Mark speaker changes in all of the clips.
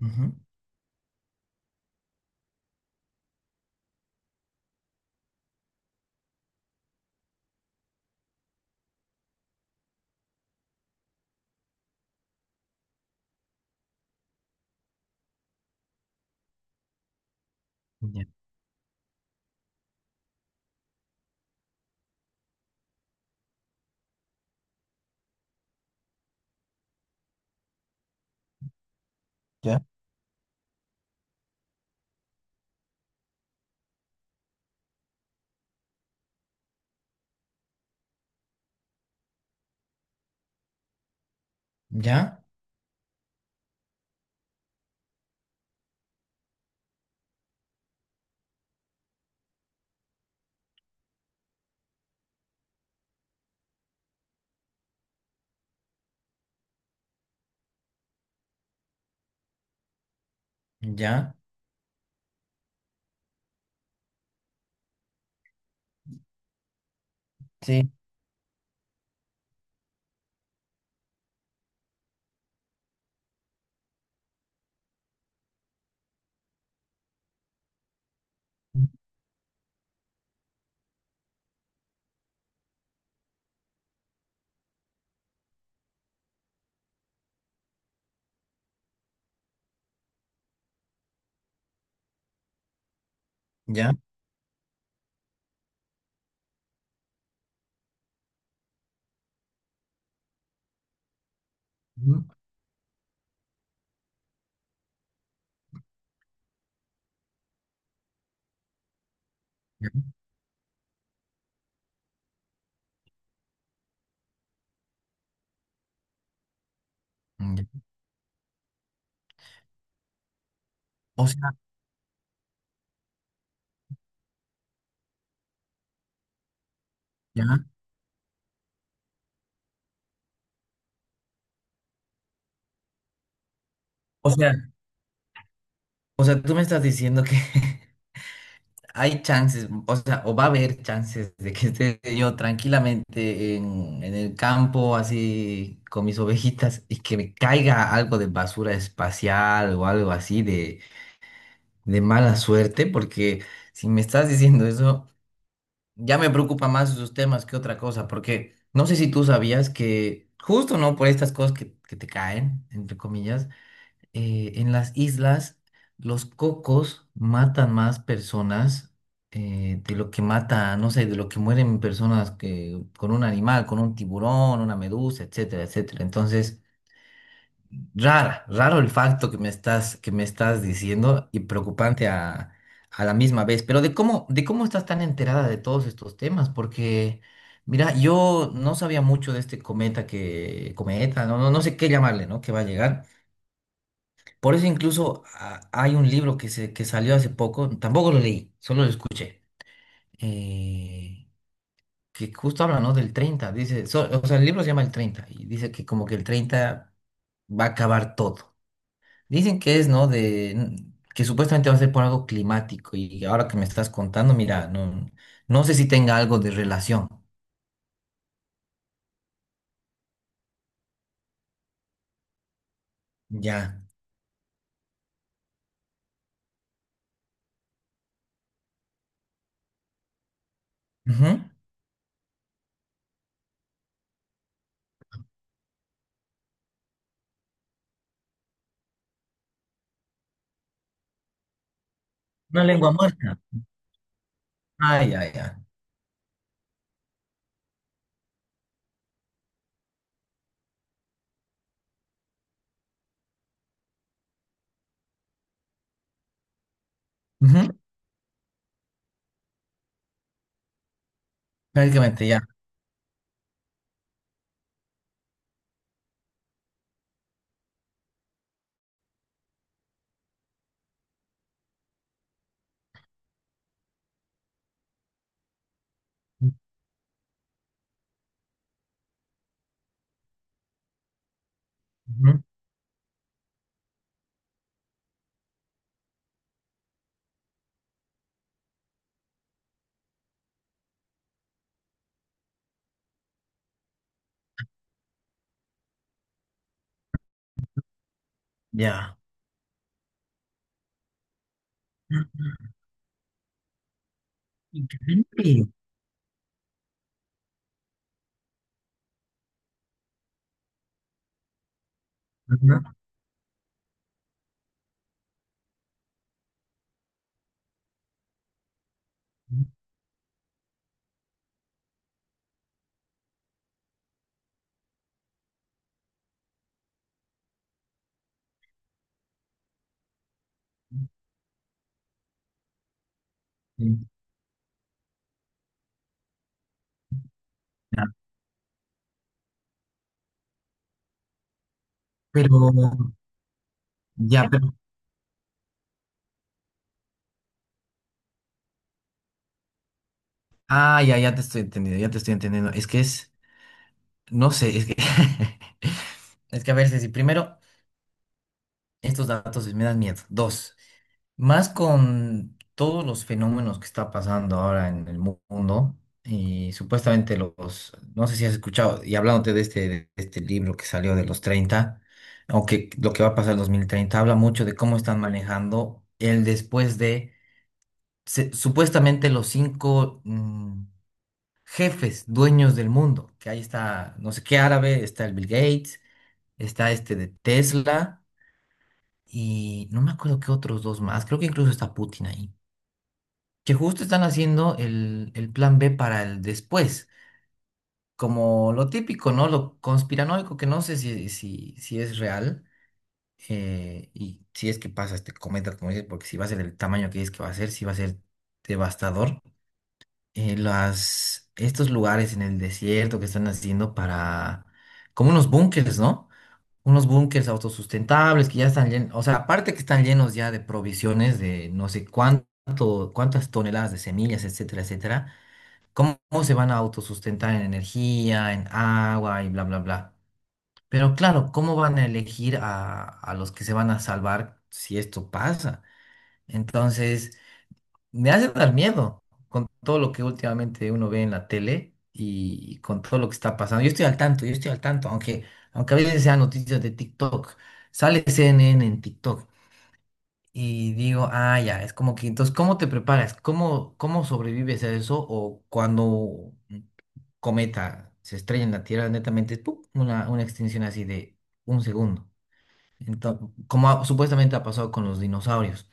Speaker 1: Ujú, Ya, ya, ya, ya, sí, ya, ujú, ya, ya. O sea, ya, o sea, o sea, tú me estás diciendo que hay chances, o sea, o va a haber chances de que esté yo tranquilamente en el campo, así con mis ovejitas, y que me caiga algo de basura espacial o algo así de mala suerte, porque si me estás diciendo eso. Ya me preocupa más esos temas que otra cosa, porque no sé si tú sabías que justo, ¿no? Por estas cosas que te caen, entre comillas, en las islas los cocos matan más personas, de lo que mata, no sé, de lo que mueren personas que, con un animal, con un tiburón, una medusa, etcétera, etcétera. Entonces, rara, raro el facto que me estás diciendo y preocupante a la misma vez. Pero de cómo estás tan enterada de todos estos temas, porque mira, yo no sabía mucho de este cometa que, cometa, no, no, no sé qué llamarle, ¿no? Que va a llegar. Por eso incluso hay un libro que se, que salió hace poco, tampoco lo leí, solo lo escuché. eh, que justo habla, ¿no? Del 30 dice, o sea, el libro se llama El 30 y dice que como que el 30 va a acabar todo. Dicen que es, ¿no? De que supuestamente va a ser por algo climático y ahora que me estás contando, mira, no, no sé si tenga algo de relación. Ya. Ujú. Una lengua muerta. Ah, ya, ya. Ujú. Prácticamente ya. Ujú. Ya. Increíble. Ajá. Sí. Ya. Pero, ya, pero, ah, ya, ya te estoy entendiendo, ya te estoy entendiendo. Es que es, no sé, es que, es que a veces, si primero, estos datos me dan miedo. Dos. Más con todos los fenómenos que está pasando ahora en el mundo y supuestamente los, no sé si has escuchado, y hablándote de este libro que salió de los treinta, aunque lo que va a pasar en 2030 habla mucho de cómo están manejando el después de supuestamente los cinco jefes dueños del mundo, que ahí está, no sé qué árabe, está el Bill Gates, está este de Tesla y no me acuerdo qué otros dos más, creo que incluso está Putin ahí. Que justo están haciendo el plan B para el después, como lo típico, ¿no? Lo conspiranoico, que no sé si es real, y si es que pasa este cometa, como dices, porque si va a ser el tamaño que es que va a ser, si va a ser devastador. Estos lugares en el desierto que están haciendo para, como unos búnkers, ¿no? Unos búnkers autosustentables que ya están llenos, o sea, aparte que están llenos ya de provisiones de no sé cuánto, cuántas toneladas de semillas, etcétera, etcétera, cómo se van a autosustentar en energía, en agua y bla, bla, bla. Pero claro, ¿cómo van a elegir a los que se van a salvar si esto pasa? Entonces, me hace dar miedo con todo lo que últimamente uno ve en la tele y con todo lo que está pasando. Yo estoy al tanto, yo estoy al tanto, aunque, aunque a veces sean noticias de TikTok. Sale CNN en TikTok. Y digo, ah, ya, es como que, entonces, ¿cómo te preparas? ¿Cómo, cómo sobrevives a eso? O cuando un cometa se estrella en la Tierra, netamente, ¡pum! Una extinción así de un segundo. Entonces, como supuestamente ha pasado con los dinosaurios.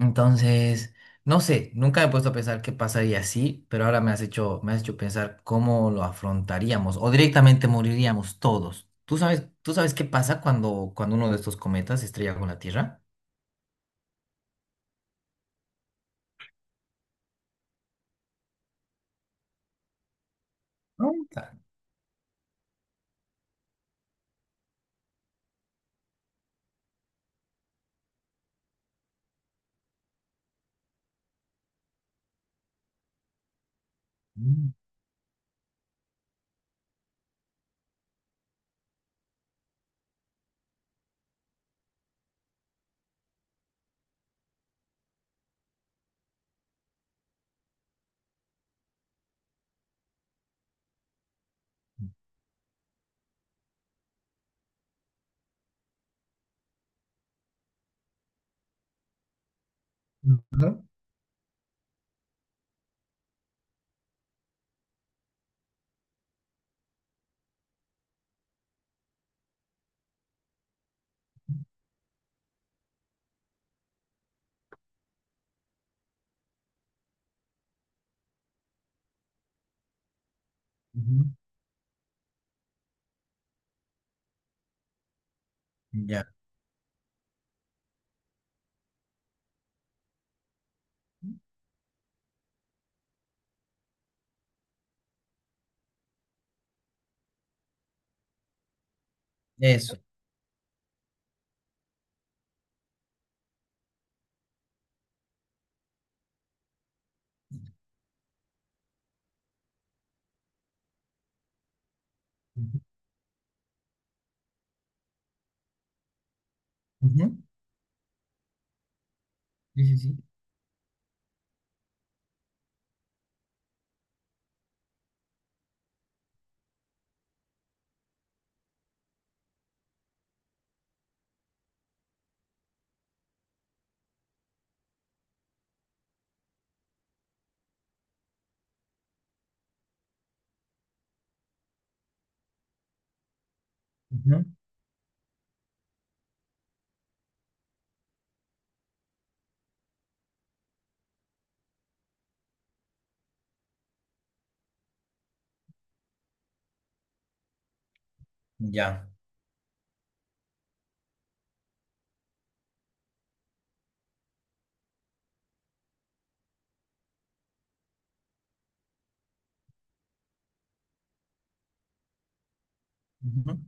Speaker 1: Entonces, no sé, nunca me he puesto a pensar qué pasaría así, pero ahora me has hecho pensar cómo lo afrontaríamos o directamente moriríamos todos. Tú sabes qué pasa cuando, cuando uno de estos cometas se estrella con la Tierra? Pregunta. Ujú, ujú. Ya, eso. Ujú, ujú. Sí, sí, sí. Ujú. Ya. Ujú.